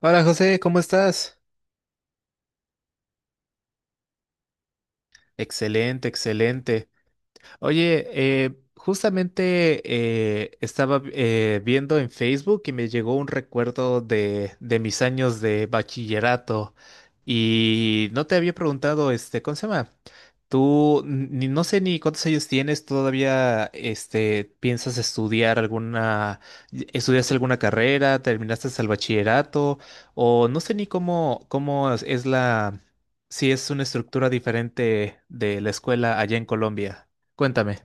Hola José, ¿cómo estás? Excelente, excelente. Oye, justamente estaba viendo en Facebook y me llegó un recuerdo de mis años de bachillerato y no te había preguntado, este, ¿cómo se llama? Tú, n- ni, no sé ni cuántos años tienes, todavía, este, piensas estudiar alguna, estudias alguna carrera, terminaste el bachillerato o no sé ni cómo es si es una estructura diferente de la escuela allá en Colombia. Cuéntame.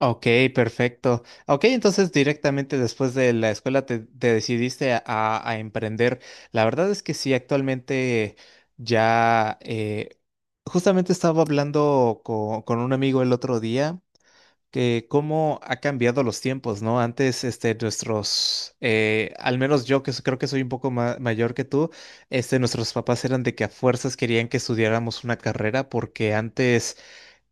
Ok, perfecto. Ok, entonces directamente después de la escuela te decidiste a, a emprender. La verdad es que sí, actualmente ya justamente estaba hablando con un amigo el otro día que cómo ha cambiado los tiempos, ¿no? Antes, este, nuestros, al menos yo que creo que soy un poco mayor que tú, este, nuestros papás eran de que a fuerzas querían que estudiáramos una carrera porque antes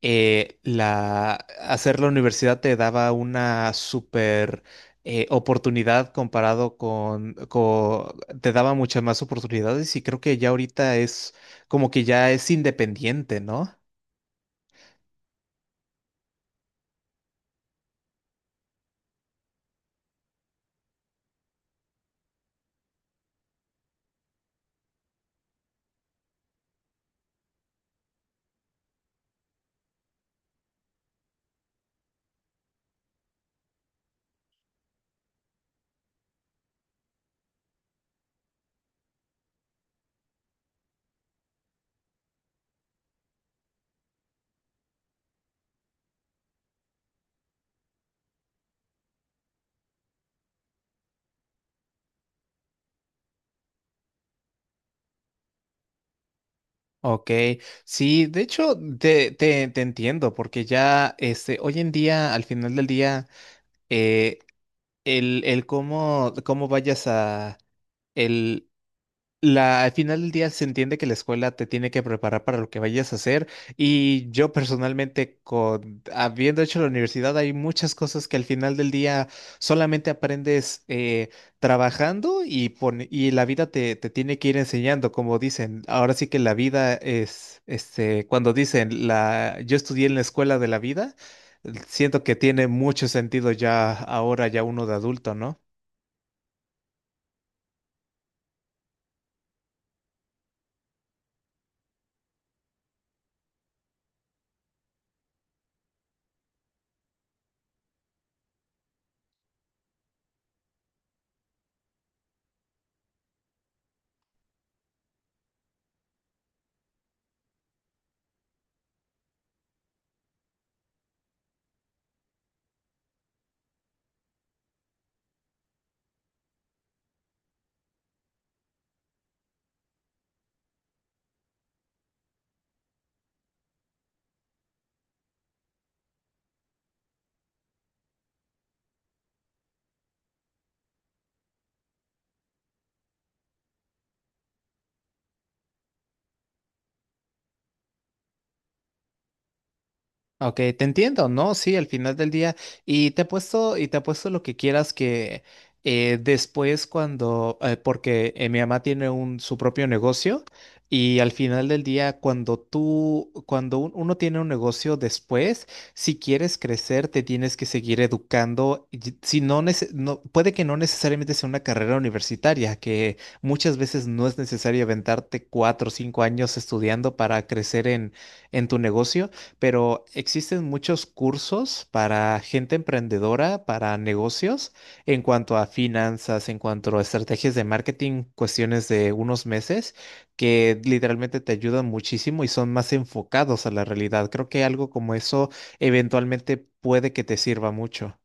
eh, la, hacer la universidad te daba una super oportunidad te daba muchas más oportunidades y creo que ya ahorita es como que ya es independiente, ¿no? Ok, sí, de hecho te entiendo porque ya este, hoy en día, al final del día, eh, el cómo, cómo vayas a... Al final del día se entiende que la escuela te tiene que preparar para lo que vayas a hacer y yo personalmente, habiendo hecho la universidad, hay muchas cosas que al final del día solamente aprendes trabajando y la vida te tiene que ir enseñando, como dicen. Ahora sí que la vida es, este, cuando dicen, yo estudié en la escuela de la vida, siento que tiene mucho sentido ya ahora, ya uno de adulto, ¿no? Ok, te entiendo, ¿no? Sí, al final del día. Y te apuesto lo que quieras que después porque mi mamá tiene su propio negocio y al final del día cuando tú, cuando uno tiene un negocio después, si quieres crecer, te tienes que seguir educando. Si no, no, puede que no necesariamente sea una carrera universitaria, que muchas veces no es necesario aventarte 4 o 5 años estudiando para crecer en tu negocio, pero existen muchos cursos para gente emprendedora, para negocios, en cuanto a finanzas, en cuanto a estrategias de marketing, cuestiones de unos meses, que literalmente te ayudan muchísimo y son más enfocados a la realidad. Creo que algo como eso eventualmente puede que te sirva mucho.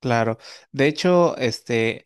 Claro. De hecho, este,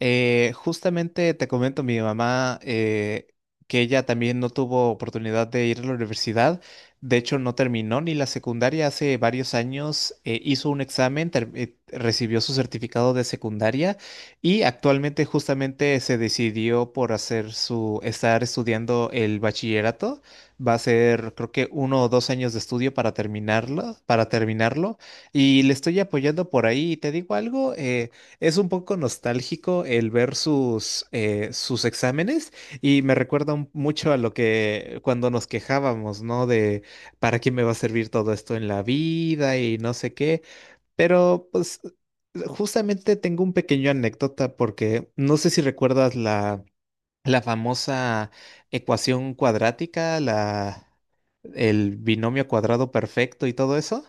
Justamente te comento mi mamá que ella también no tuvo oportunidad de ir a la universidad. De hecho, no terminó ni la secundaria. Hace varios años hizo un examen, recibió su certificado de secundaria y actualmente justamente se decidió por hacer su, estar estudiando el bachillerato. Va a ser, creo que 1 o 2 años de estudio para terminarlo, para terminarlo. Y le estoy apoyando por ahí. ¿Te digo algo? Es un poco nostálgico el ver sus exámenes y me recuerda mucho a lo que cuando nos quejábamos, ¿no? De para qué me va a servir todo esto en la vida y no sé qué. Pero pues justamente tengo un pequeño anécdota porque no sé si recuerdas la famosa ecuación cuadrática, el binomio cuadrado perfecto y todo eso.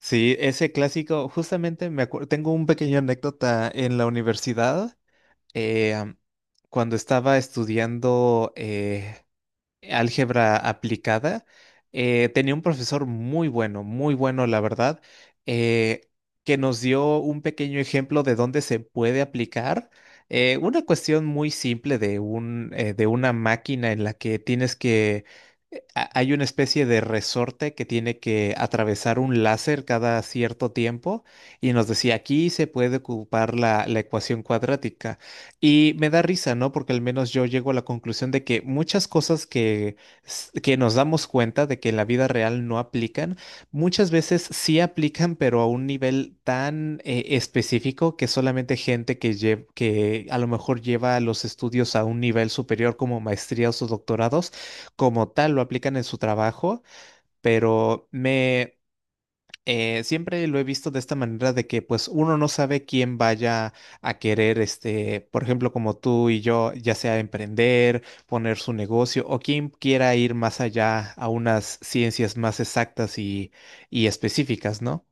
Sí, ese clásico, justamente me acuerdo, tengo un pequeño anécdota en la universidad, eh, am, cuando estaba estudiando álgebra aplicada. Tenía un profesor muy bueno, muy bueno, la verdad, eh, que nos dio un pequeño ejemplo de dónde se puede aplicar. Una cuestión muy simple de una máquina en la que tienes que, hay una especie de resorte que tiene que atravesar un láser cada cierto tiempo y nos decía, aquí se puede ocupar la ecuación cuadrática. Y me da risa, ¿no? Porque al menos yo llego a la conclusión de que muchas cosas que nos damos cuenta de que en la vida real no aplican, muchas veces sí aplican, pero a un nivel tan específico que solamente gente que a lo mejor lleva los estudios a un nivel superior como maestrías o doctorados, como tal, lo aplican en su trabajo, pero me siempre lo he visto de esta manera de que pues uno no sabe quién vaya a querer, este, por ejemplo, como tú y yo, ya sea emprender, poner su negocio o quien quiera ir más allá a unas ciencias más exactas y específicas, ¿no?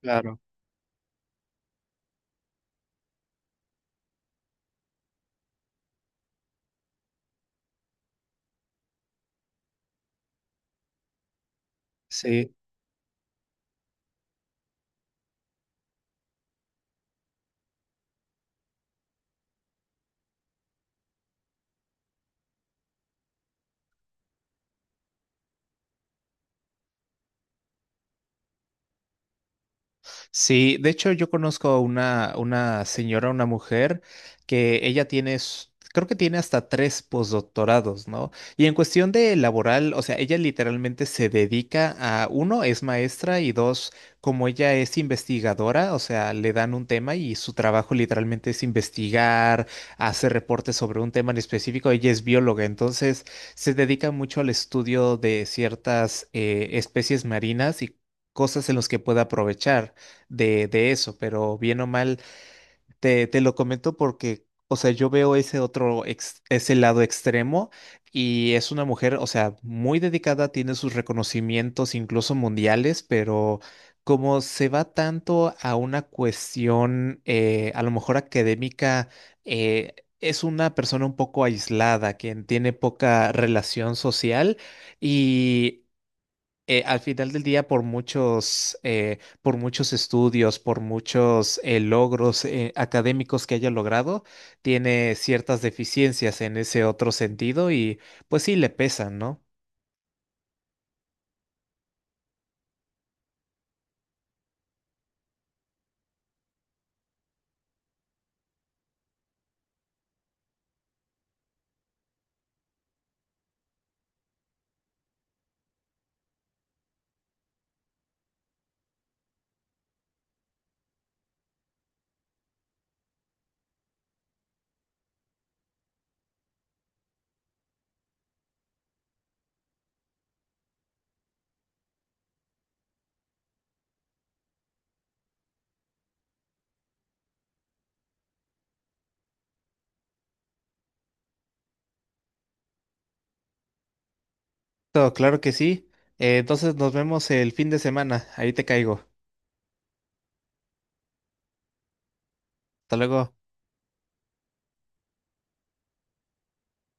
Claro, sí. Sí, de hecho yo conozco a una señora, una mujer, que ella tiene, creo que tiene hasta tres postdoctorados, ¿no? Y en cuestión de laboral, o sea, ella literalmente se dedica a, uno, es maestra y dos, como ella es investigadora, o sea, le dan un tema y su trabajo literalmente es investigar, hacer reportes sobre un tema en específico, ella es bióloga, entonces se dedica mucho al estudio de ciertas especies marinas y cosas en las que pueda aprovechar de eso, pero bien o mal, te lo comento porque, o sea, yo veo ese otro, ese lado extremo y es una mujer, o sea, muy dedicada, tiene sus reconocimientos incluso mundiales, pero como se va tanto a una cuestión, a lo mejor académica, eh, es una persona un poco aislada, quien tiene poca relación social y al final del día, por muchos estudios, por muchos logros académicos que haya logrado, tiene ciertas deficiencias en ese otro sentido y pues sí le pesan, ¿no? Todo, claro que sí. Entonces nos vemos el fin de semana. Ahí te caigo. Hasta luego.